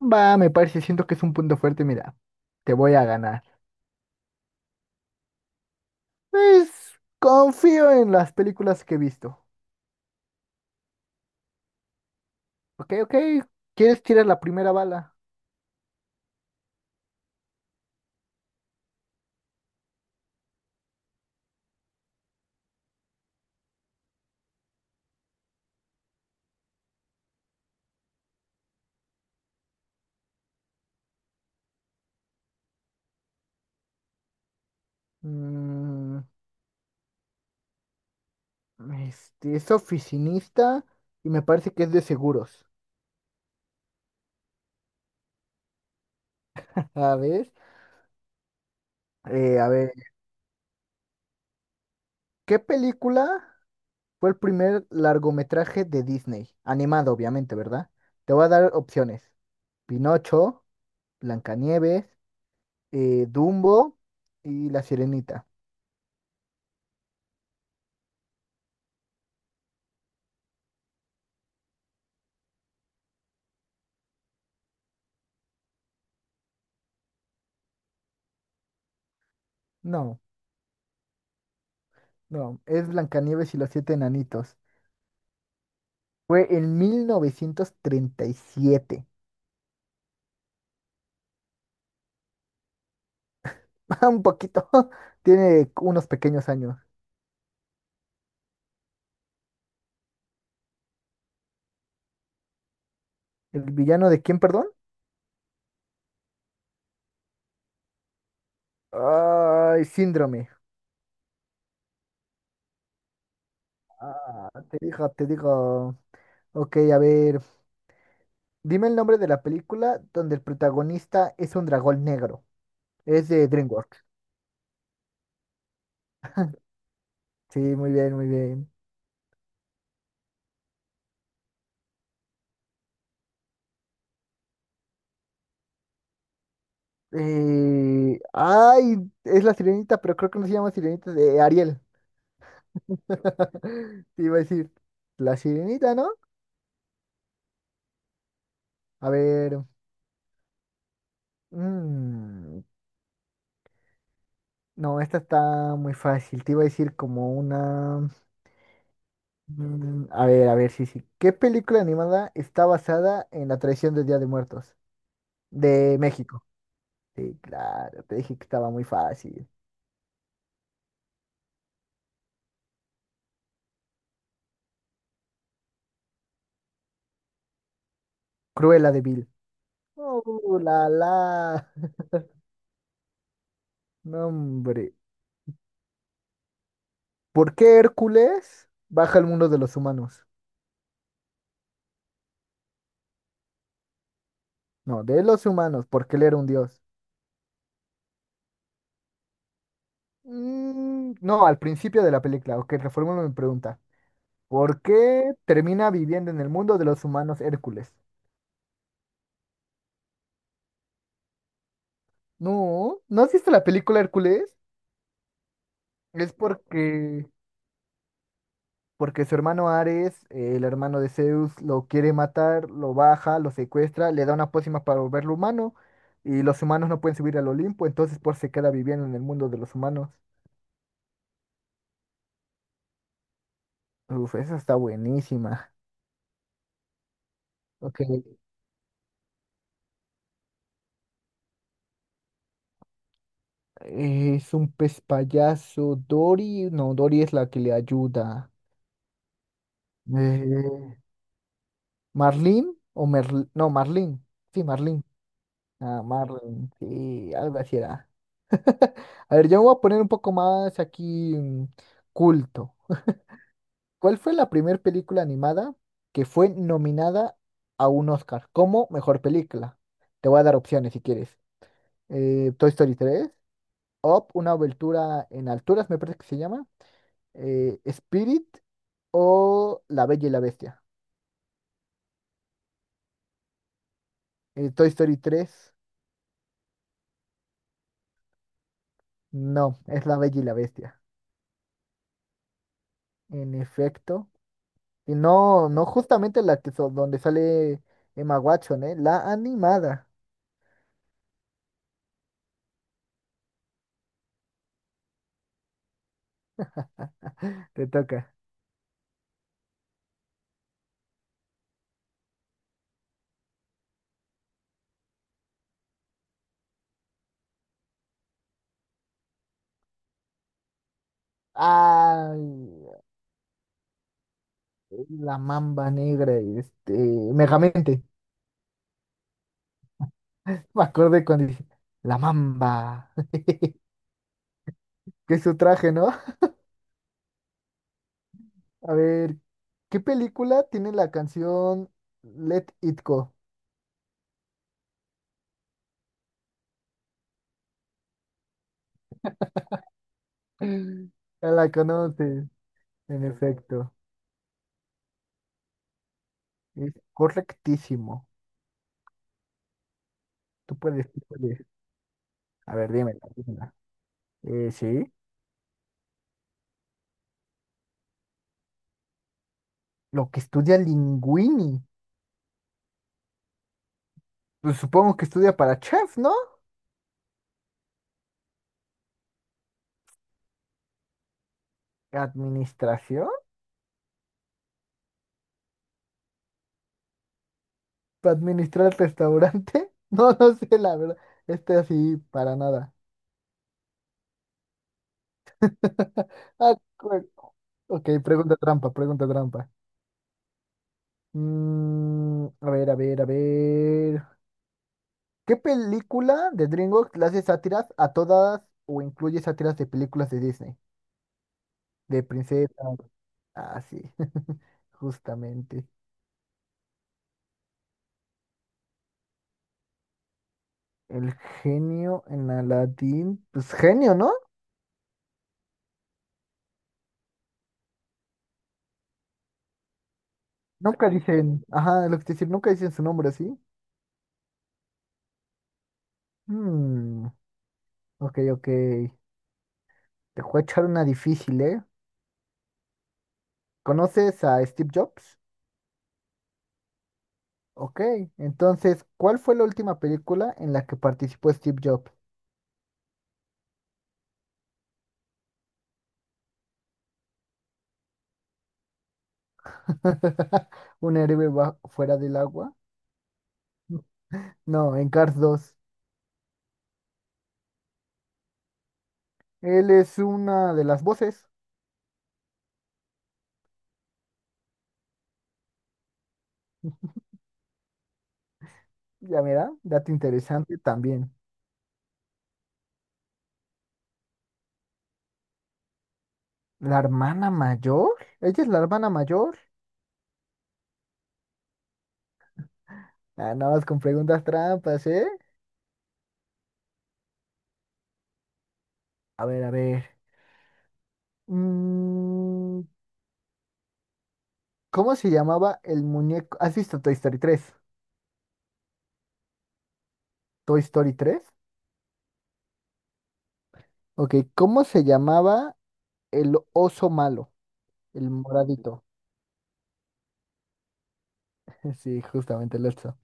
Va, me parece, siento que es un punto fuerte, mira, te voy a ganar. Pues confío en las películas que he visto. Ok, ok, ¿quieres tirar la primera bala? Mm, es oficinista y me parece que es de seguros. A ver, a ver, ¿qué película fue el primer largometraje de Disney? Animado, obviamente, ¿verdad? Te voy a dar opciones. Pinocho, Blancanieves, Dumbo y La Sirenita. No. No, es Blancanieves y los siete enanitos. Fue en 1937. Un poquito. Tiene unos pequeños años. ¿El villano de quién, perdón? Ay, síndrome. Ah, te digo, te digo. Ok, a ver. Dime el nombre de la película donde el protagonista es un dragón negro. Es de DreamWorks. Sí, muy bien, muy bien. Ay, es la sirenita, pero creo que no se llama sirenita, de Ariel. Te iba a decir, la sirenita, ¿no? A ver. mm, no, esta está muy fácil. Te iba a decir como una. A ver, a ver, sí, sí. ¿Qué película animada está basada en la tradición del Día de Muertos? De México. Sí, claro, te dije que estaba muy fácil. Cruella de Vil. Oh, la la. No, hombre. ¿Por qué Hércules baja al mundo de los humanos? No, de los humanos, porque él era un dios. No, al principio de la película. Ok, reformulo mi pregunta. ¿Por qué termina viviendo en el mundo de los humanos Hércules? No, ¿no has visto la película Hércules? Es porque, porque su hermano Ares, el hermano de Zeus, lo quiere matar, lo baja, lo secuestra, le da una pócima para volverlo humano y los humanos no pueden subir al Olimpo, entonces por se queda viviendo en el mundo de los humanos. Uf, esa está buenísima. Ok. Es un pez payaso. Dory, no, Dory es la que le ayuda. Eh, ¿Marlín o no, Marlín? Sí, Marlín. Ah, Marlin. Sí, algo así era. A ver, yo me voy a poner un poco más aquí culto. ¿Cuál fue la primera película animada que fue nominada a un Oscar como mejor película? Te voy a dar opciones si quieres. Toy Story 3, Up, una aventura en alturas, me parece que se llama, Spirit o La Bella y la Bestia. Toy Story tres, no, es La Bella y la Bestia. En efecto. Y no, no justamente la que donde sale Emma Watson, ¿eh? La animada. Te toca. Ay, la mamba negra, Megamente. Me acordé cuando dije, la mamba. Que es su traje, ¿no? A ver, ¿qué película tiene la canción Let It Go? Ya la conoces. En efecto, es correctísimo. Tú puedes, tú puedes. A ver, dímela, dímela. Sí. Lo que estudia Linguini. Pues supongo que estudia para chef, ¿no? ¿Administración? ¿Para administrar el restaurante? No, no sé, la verdad. Este así, para nada. Ah, ok, pregunta trampa, pregunta trampa. A ver, a ver, a ver. ¿Qué película de DreamWorks le hace sátiras a todas o incluye sátiras de películas de Disney? De princesa. Ah, sí, justamente. El genio en Aladdin, pues genio, ¿no? Nunca dicen, ajá, lo que te decir, nunca dicen su nombre así. Hmm, ok, ok. Te voy a echar una difícil, ¿eh? ¿Conoces a Steve Jobs? Ok, entonces, ¿cuál fue la última película en la que participó Steve Jobs? ¿Un héroe fuera del agua? No, en Cars 2. Él es una de las voces, ya mira, dato interesante también. ¿La hermana mayor? ¿Ella es la hermana mayor? Ah, nada más con preguntas trampas, ¿eh? A ver, a ver. Mm, ¿Cómo se llamaba el muñeco? ¿Has visto Toy Story 3? ¿Toy Story 3? Ok, ¿cómo se llamaba el oso malo? El moradito. Sí, justamente el oso.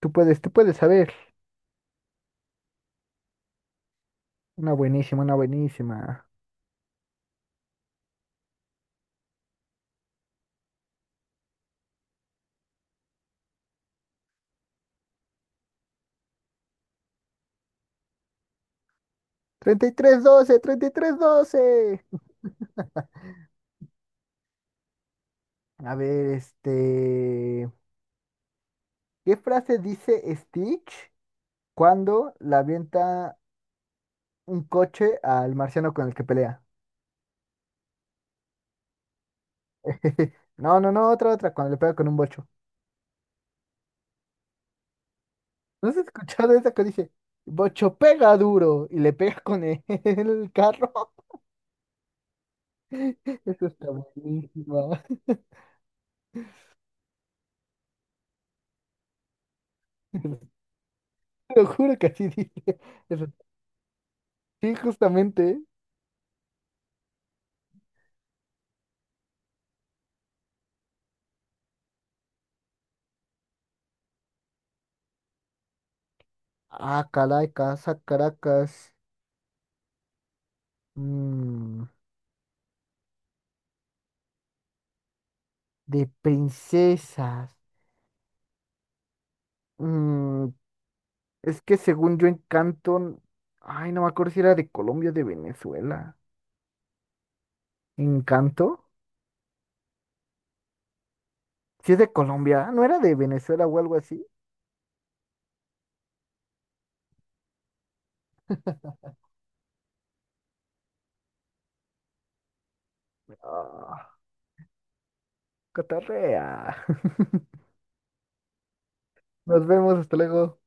Tú puedes saber. Una buenísima, una buenísima. 3312, 3312. A ver, ¿Qué frase dice Stitch, cuando la avienta un coche al marciano con el que pelea? No, no, no, otra, otra, cuando le pega con un bocho. ¿No has escuchado esa que dice, bocho pega duro, y le pega con el, el carro? Eso está buenísimo. Te lo juro que así dice. Eso- Sí, justamente. Ah, Caracas, ah, Caracas. Mm, de princesas. Mm, Es que según yo, Encanto, ay, no me acuerdo si era de Colombia o de Venezuela. ¿Encanto? Si es de Colombia, ¿no era de Venezuela o algo así? Ah, cotorrea. Nos vemos, hasta luego.